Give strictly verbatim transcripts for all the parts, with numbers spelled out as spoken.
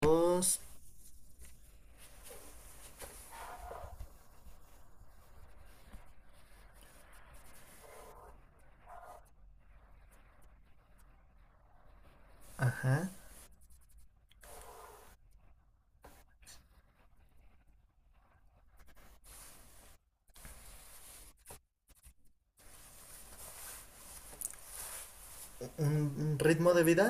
Dos, ajá, un, un ritmo de vida.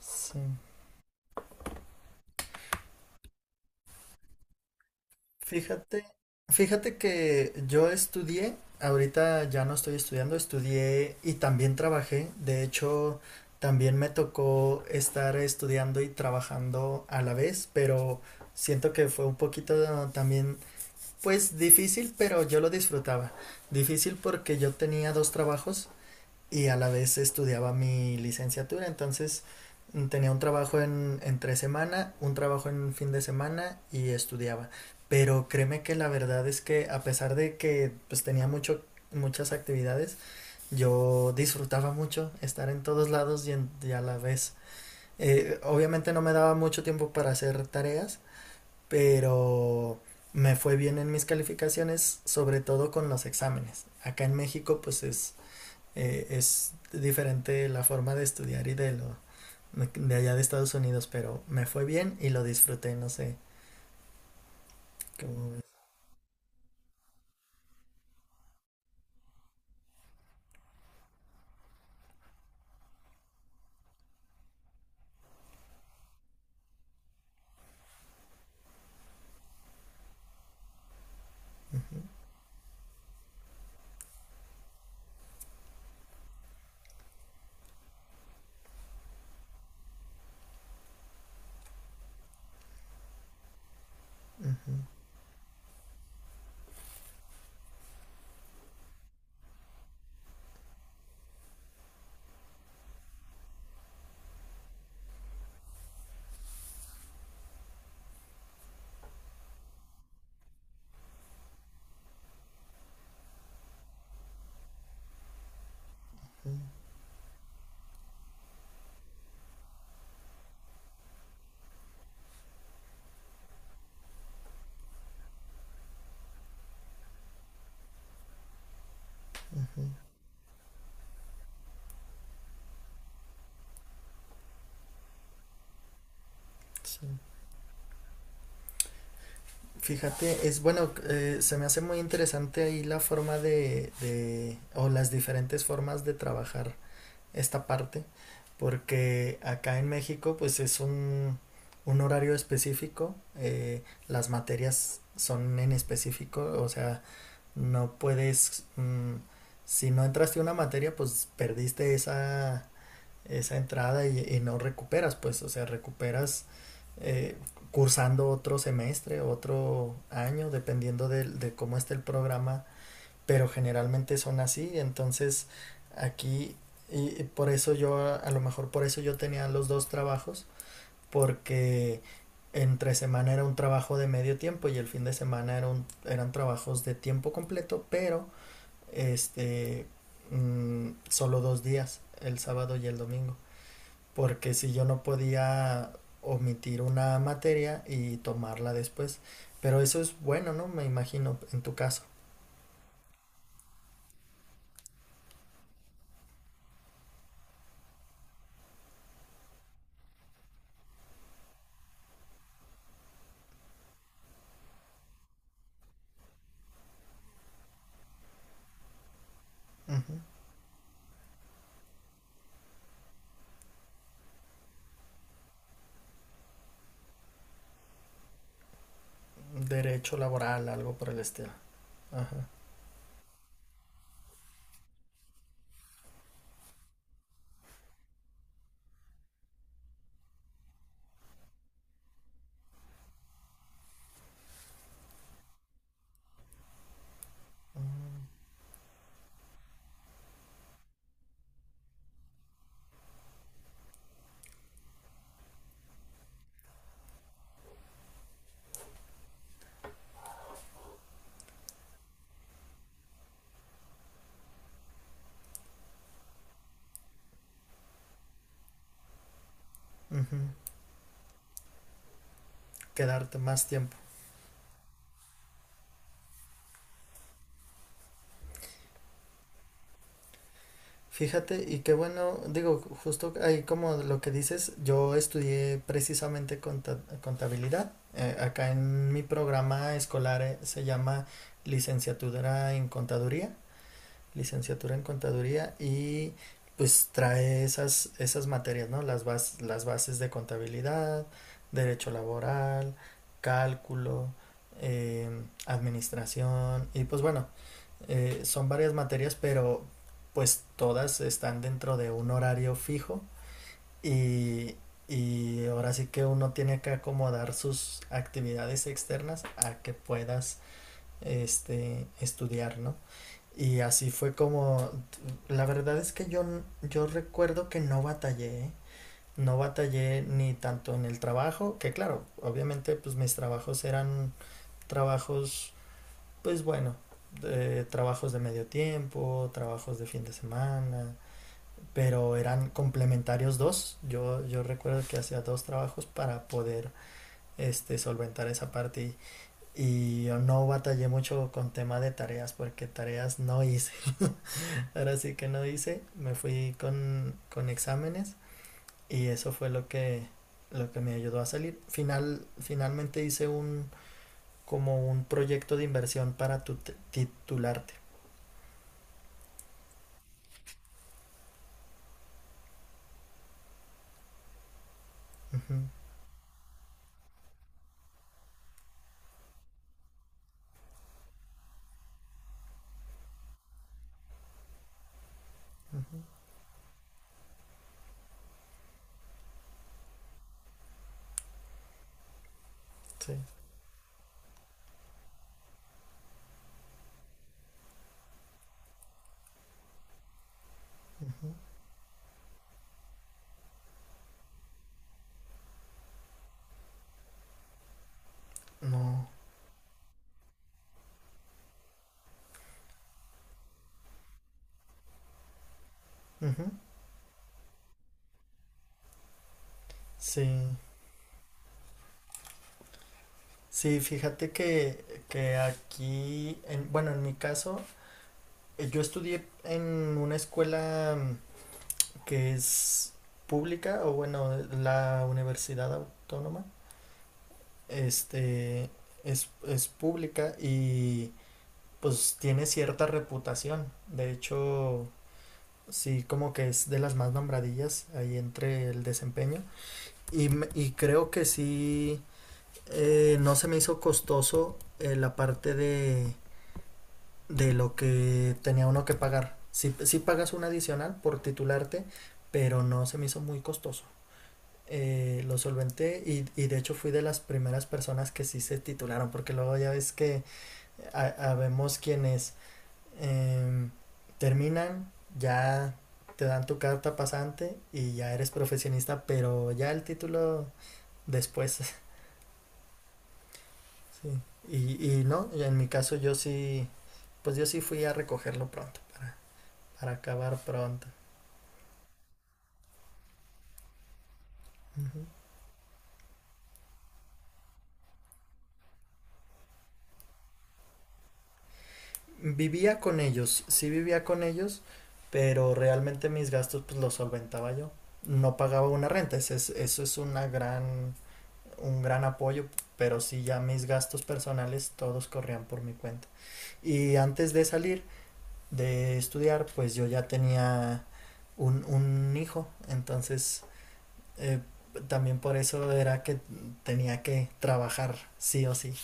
Sí. Fíjate, fíjate que yo estudié, ahorita ya no estoy estudiando, estudié y también trabajé. De hecho, también me tocó estar estudiando y trabajando a la vez, pero siento que fue un poquito también, pues difícil, pero yo lo disfrutaba. Difícil porque yo tenía dos trabajos, y a la vez estudiaba mi licenciatura, entonces mm, tenía un trabajo en, entre semana, un trabajo en fin de semana y estudiaba. Pero créeme que la verdad es que a pesar de que pues tenía mucho, muchas actividades, yo disfrutaba mucho estar en todos lados y, en, y a la vez. Eh, obviamente no me daba mucho tiempo para hacer tareas, pero me fue bien en mis calificaciones, sobre todo con los exámenes. Acá en México pues es eh, es diferente la forma de estudiar y de lo de allá de Estados Unidos, pero me fue bien y lo disfruté, no sé. Como, sí. Fíjate, es bueno, eh, se me hace muy interesante ahí la forma de, de, o las diferentes formas de trabajar esta parte, porque acá en México pues es un, un horario específico, eh, las materias son en específico, o sea, no puedes, mm, si no entraste a una materia, pues perdiste esa, esa entrada y, y no recuperas, pues, o sea, recuperas eh, cursando otro semestre, otro año, dependiendo de, de cómo esté el programa, pero generalmente son así, entonces aquí, y, por eso yo, a, a lo mejor por eso yo tenía los dos trabajos, porque entre semana era un trabajo de medio tiempo y el fin de semana era un- eran trabajos de tiempo completo, pero este, mm, solo dos días, el sábado y el domingo, porque si yo no podía omitir una materia y tomarla después, pero eso es bueno, ¿no? Me imagino, en tu caso. Ujú. Derecho laboral, algo por el estilo. Ujú. Quedarte más tiempo. Fíjate, y qué bueno, digo, justo ahí como lo que dices, yo estudié precisamente conta- contabilidad. Eh, acá en mi programa escolar eh, se llama licenciatura en contaduría, licenciatura en contaduría y pues trae esas, esas materias, ¿no? Las bas- las bases de contabilidad, derecho laboral, cálculo, em, administración y pues bueno, eh, son varias materias, pero pues todas están dentro de un horario fijo y, y ahora sí que uno tiene que acomodar sus actividades externas a que puedas este, estudiar, ¿no? Y así fue como, la verdad es que yo, yo recuerdo que no batallé, ¿eh? No batallé ni tanto en el trabajo, que claro, obviamente pues mis trabajos eran trabajos pues bueno, eh, trabajos de medio tiempo, trabajos de fin de semana, pero eran complementarios dos. Yo, yo recuerdo que hacía dos trabajos para poder este, solventar esa parte y, y yo no batallé mucho con tema de tareas porque tareas no hice. Ahora sí que no hice, me fui con, con exámenes y eso fue lo que, lo que me ayudó a salir. Final, finalmente hice un como un proyecto de inversión para tu, titularte. Uh -huh. Ujú, sí, ujú, no, ujú, sí, sí, fíjate que, que aquí, en, bueno, en mi caso, eh, yo estudié en una escuela mm, que es pública, o bueno, la universidad autónoma, este, es, es pública y pues tiene cierta reputación, de hecho, sí, como que es de las más nombradillas ahí entre el desempeño. Y, me- y creo que sí, eh, no se me hizo costoso eh, la parte de, de lo que tenía uno que pagar. Sí, sí pagas un adicional por titularte, pero no se me hizo muy costoso. Eh, lo solventé y, y de hecho fui de las primeras personas que sí se titularon, porque luego ya ves que ha- habemos quienes em, terminan, ya te dan tu carta pasante y ya eres profesionista, pero ya el título después. Sí, y, y no, y en mi caso yo sí, pues yo sí fui a recogerlo pronto, pa- para acabar pronto. Ujú. Vivía con ellos, sí vivía con ellos, pero realmente mis gastos pues los solventaba yo. No pagaba una renta, ese es- eso es una gran, un gran apoyo, pero sí ya mis gastos personales todos corrían por mi cuenta. Y antes de salir de estudiar, pues yo ya tenía un, un hijo, entonces Eh, también por eso era que tenía que trabajar sí o sí.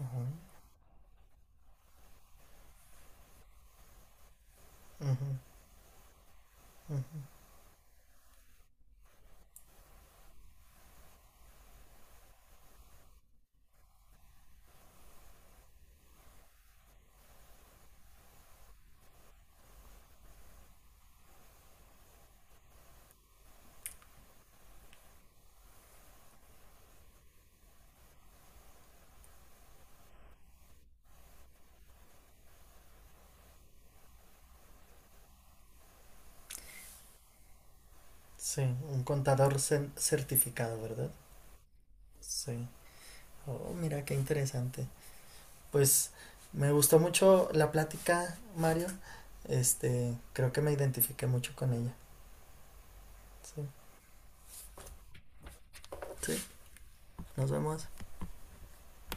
Ujú, ujú. Sí, un contador cen- certificado, ¿verdad? Sí. Oh, mira qué interesante. Pues me gustó mucho la plática, Mario. Este, creo que me identifiqué mucho con ella. Sí. Sí, nos vemos.